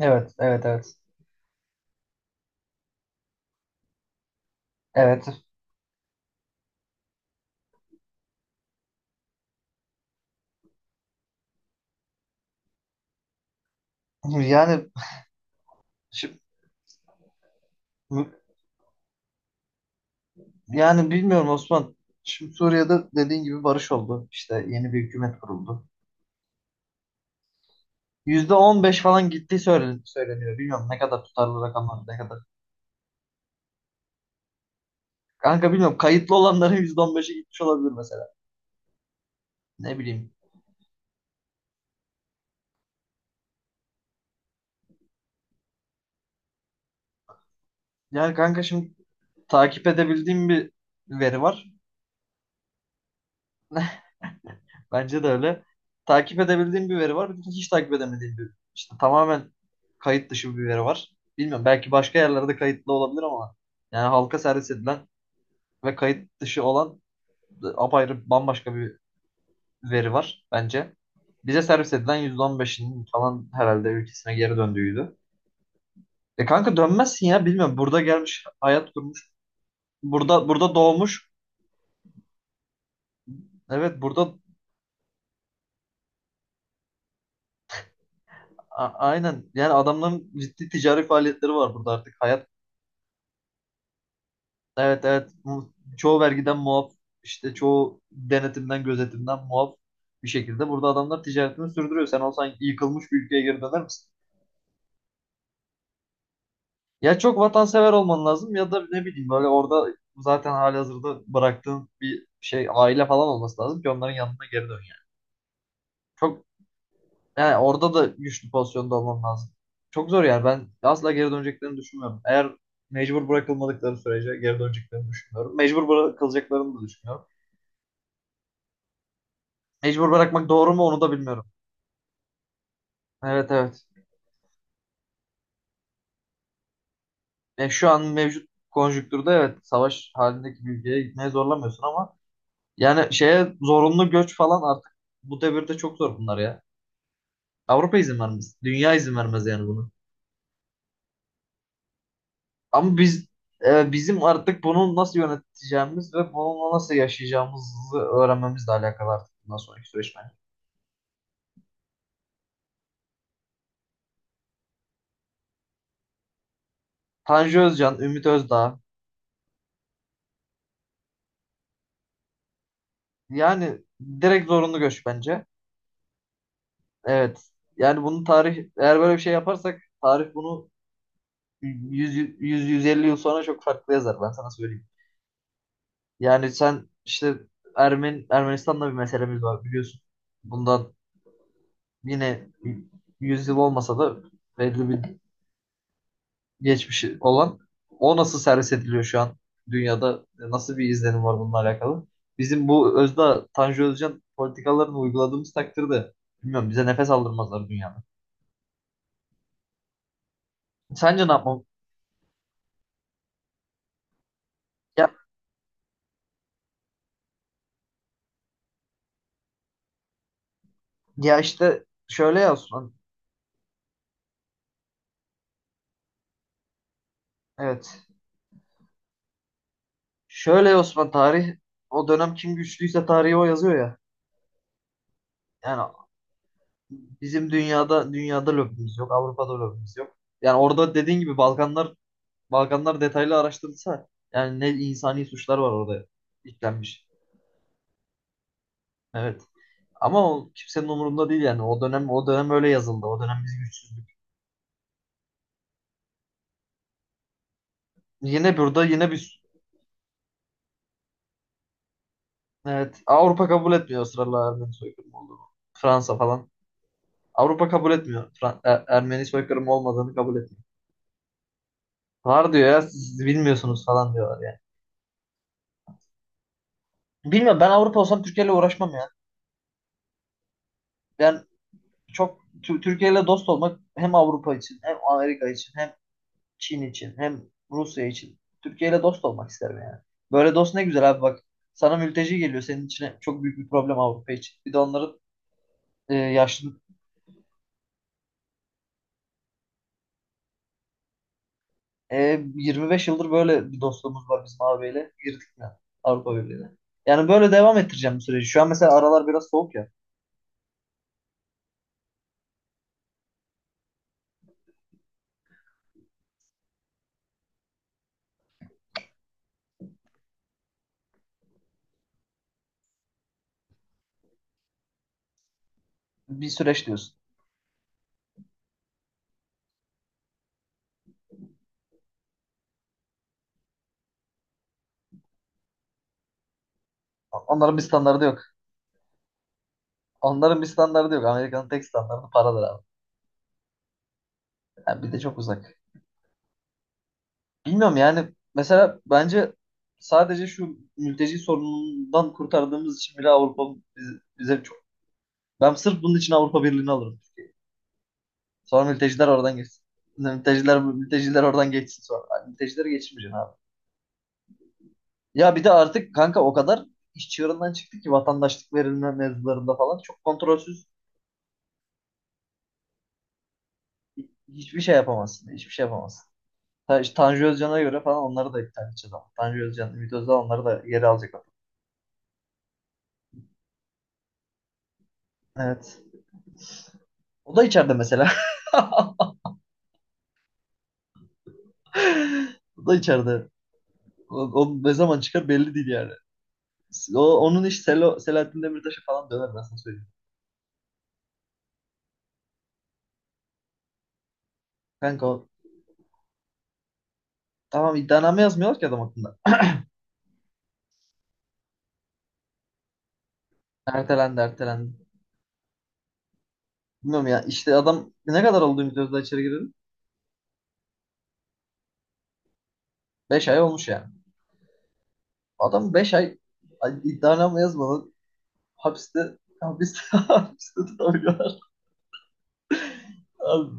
Evet, evet, evet. Evet. Yani şimdi, yani bilmiyorum Osman. Şimdi Suriye'de dediğin gibi barış oldu. İşte yeni bir hükümet kuruldu. %15 falan gittiği söyleniyor. Bilmiyorum ne kadar tutarlı rakamlar ne kadar. Kanka bilmiyorum kayıtlı olanların %15'i gitmiş olabilir mesela. Ne bileyim. Yani kanka şimdi takip edebildiğim bir veri var. Bence de öyle. Takip edebildiğim bir veri var. Bir de hiç takip edemediğim bir işte tamamen kayıt dışı bir veri var. Bilmiyorum, belki başka yerlerde kayıtlı olabilir ama yani halka servis edilen ve kayıt dışı olan apayrı bambaşka bir veri var bence. Bize servis edilen %15'inin falan herhalde ülkesine geri döndüğüydü. E kanka dönmezsin ya, bilmiyorum. Burada gelmiş, hayat kurmuş. Burada doğmuş. Evet, burada aynen. Yani adamların ciddi ticari faaliyetleri var burada artık. Hayat. Evet, evet. Bu. Çoğu vergiden muaf, işte çoğu denetimden, gözetimden muaf bir şekilde burada adamlar ticaretini sürdürüyor. Sen olsan yıkılmış bir ülkeye geri döner misin? Ya çok vatansever olman lazım ya da ne bileyim, böyle orada zaten halihazırda bıraktığın bir şey, aile falan olması lazım ki onların yanına geri dön yani. Çok, yani orada da güçlü pozisyonda olman lazım. Çok zor yani, ben asla geri döneceklerini düşünmüyorum. Eğer mecbur bırakılmadıkları sürece geri döneceklerini düşünmüyorum. Mecbur bırakılacaklarını da düşünmüyorum. Mecbur bırakmak doğru mu, onu da bilmiyorum. Evet, evet. Şu an mevcut konjüktürde, evet, savaş halindeki bir ülkeye gitmeye zorlamıyorsun ama yani şeye, zorunlu göç falan artık bu devirde çok zor bunlar ya. Avrupa izin vermez. Dünya izin vermez yani bunu. Ama biz, bizim artık bunu nasıl yöneteceğimiz ve bununla nasıl yaşayacağımızı öğrenmemizle alakalı artık bundan sonraki süreç bence. Tanju Özcan, Ümit Özdağ, yani direkt zorunlu göç bence. Evet. Yani bunu tarih, eğer böyle bir şey yaparsak tarih bunu 100, 100, 150 yıl sonra çok farklı yazar, ben sana söyleyeyim. Yani sen işte Ermenistan'da bir meselemiz var, biliyorsun. Bundan yine 100 yıl olmasa da belli bir geçmişi olan, o nasıl servis ediliyor şu an dünyada, nasıl bir izlenim var bununla alakalı? Bizim bu Tanju Özcan politikalarını uyguladığımız takdirde, bilmiyorum, bize nefes aldırmazlar dünyada. Sence ne yapmam? Ya, ya işte şöyle ya Osman. Evet. Şöyle Osman, tarih o dönem kim güçlüyse tarihi o yazıyor ya. Yani bizim dünyada lobimiz yok, Avrupa'da lobimiz yok. Yani orada dediğin gibi Balkanlar detaylı araştırılsa, yani ne insani suçlar var orada işlenmiş. Evet. Ama o kimsenin umurunda değil yani. O dönem öyle yazıldı. O dönem biz güçsüzdük. Yine burada yine bir, evet, Avrupa kabul etmiyor ısrarla Ermeni soykırımı olduğunu. Fransa falan. Avrupa kabul etmiyor. Ermeni soykırımı olmadığını kabul etmiyor. Var diyor ya, siz bilmiyorsunuz falan diyorlar yani. Bilmiyorum, ben Avrupa olsam Türkiye ile uğraşmam ya. Ben çok Türkiye ile dost olmak, hem Avrupa için, hem Amerika için, hem Çin için, hem Rusya için. Türkiye ile dost olmak isterim yani. Böyle dost ne güzel abi, bak. Sana mülteci geliyor senin içine, çok büyük bir problem Avrupa için. Bir de onların yaşlı, e, 25 yıldır böyle bir dostluğumuz var bizim abiyle. Girdik mi Avrupa Birliği'ne? Yani böyle devam ettireceğim bu süreci. Şu an mesela aralar biraz soğuk ya. Bir süreç diyorsun. Onların bir standardı yok. Onların bir standardı yok. Amerika'nın tek standardı paradır abi. Yani bir de çok uzak. Bilmiyorum, yani mesela bence sadece şu mülteci sorunundan kurtardığımız için bile Avrupa bize, bize çok... Ben sırf bunun için Avrupa Birliği'ni alırım. Sonra mülteciler oradan geçsin. Mülteciler oradan geçsin sonra. Yani mültecilere geçmeyeceksin abi. Ya bir de artık kanka o kadar iş çığırından çıktı ki, vatandaşlık verilme mevzularında falan çok kontrolsüz, hiçbir şey yapamazsın. Hiçbir şey yapamazsın. İşte Tanju Özcan'a göre falan onları da iptal edeceğiz ama. Tanju Özcan, Ümit Özdağ onları da geri alacak. Evet. O da içeride mesela. O da içeride. O ne zaman çıkar belli değil yani. Onun iş Selahattin Demirtaş'a falan döner, ben sana söyleyeyim. Kanka tamam, iddianame yazmıyorlar ki adam hakkında. Ertelendi, ertelendi. Bilmiyorum ya, işte adam ne kadar oldu Ümit Özdağ içeri girdi? 5 ay olmuş yani. Adam 5 ay iddianame yazmadan hapiste hapiste hapiste tutamıyorlar. Abi.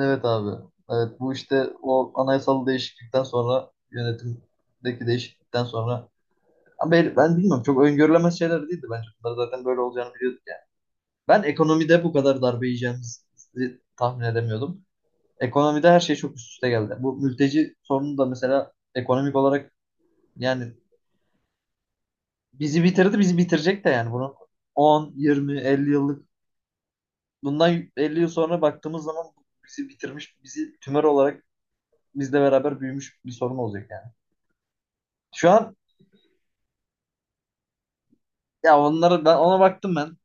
Evet abi. Evet, bu işte o anayasal değişiklikten sonra, yönetimdeki değişiklikten sonra. Ama ben bilmiyorum, çok öngörülemez şeyler değildi bence. Bunlar zaten böyle olacağını biliyorduk yani. Ben ekonomide bu kadar darbe yiyeceğimizi tahmin edemiyordum. Ekonomide her şey çok üst üste geldi. Bu mülteci sorunu da mesela ekonomik olarak, yani bizi bitirdi, bizi bitirecek de yani, bunu 10, 20, 50 yıllık, bundan 50 yıl sonra baktığımız zaman bizi bitirmiş, bizi tümör olarak bizle beraber büyümüş bir sorun olacak yani. Şu an, ya onları ben ona baktım ben.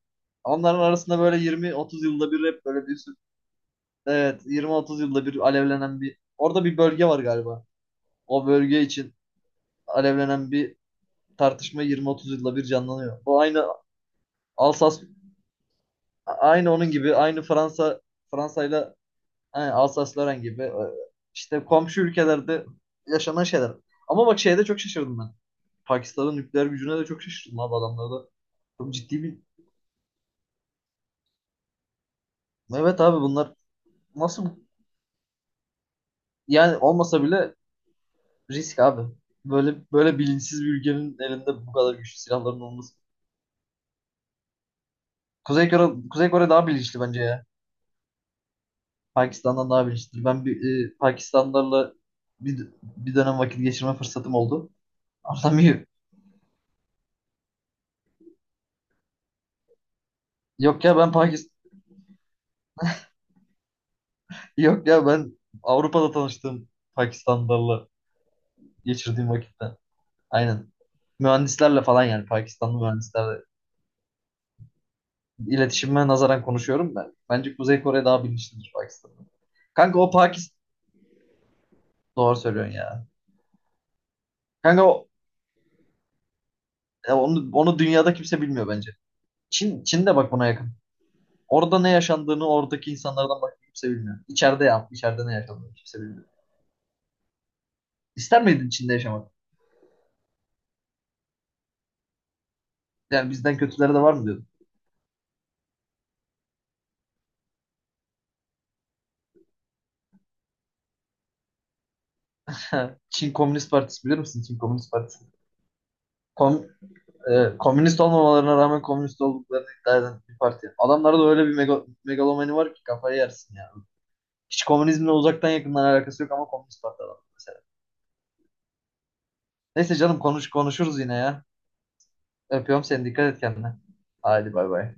Onların arasında böyle 20-30 yılda bir hep böyle bir evet, 20-30 yılda bir alevlenen, bir orada bir bölge var galiba. O bölge için alevlenen bir tartışma 20-30 yılda bir canlanıyor. Bu aynı Alsas, aynı onun gibi, aynı Fransa'yla, aynı Alsas-Lorraine gibi, işte komşu ülkelerde yaşanan şeyler. Ama bak, şeyde çok şaşırdım ben. Pakistan'ın nükleer gücüne de çok şaşırdım abi, adamlarda. Çok ciddi bir. Evet abi, bunlar nasıl. Yani olmasa bile risk abi. Böyle böyle bilinçsiz bir ülkenin elinde bu kadar güçlü silahların olması. Kuzey Kore daha bilinçli bence ya. Pakistan'dan daha bilinçli. Ben bir, Pakistanlılarla bir dönem vakit geçirme fırsatım oldu. Anlamıyor. Yok ya ben Pakistan yok ya ben Avrupa'da tanıştığım Pakistanlılarla geçirdiğim vakitte. Aynen. Mühendislerle falan, yani Pakistanlı mühendislerle. İletişime nazaran konuşuyorum ben. Bence Kuzey Kore daha bilinçlidir Pakistan'dan. Kanka o Pakistan. Doğru söylüyorsun ya. Kanka ya onu dünyada kimse bilmiyor bence. Çin de bak buna yakın. Orada ne yaşandığını oradaki insanlardan, bak, kimse bilmiyor. İçeride ne yaşandığını kimse bilmiyor. İster miydin Çin'de yaşamak? Yani bizden kötüleri de var mı diyordun? Çin Komünist Partisi, bilir misin? Çin Komünist Partisi. Kom, Komünist olmamalarına rağmen komünist olduklarını iddia eden bir parti. Adamlarda da öyle bir megalomani var ki kafayı yersin ya. Hiç komünizmle uzaktan yakından alakası yok ama komünist parti adam mesela. Neyse canım, konuşuruz yine ya. Öpüyorum seni. Dikkat et kendine. Hadi bay bay.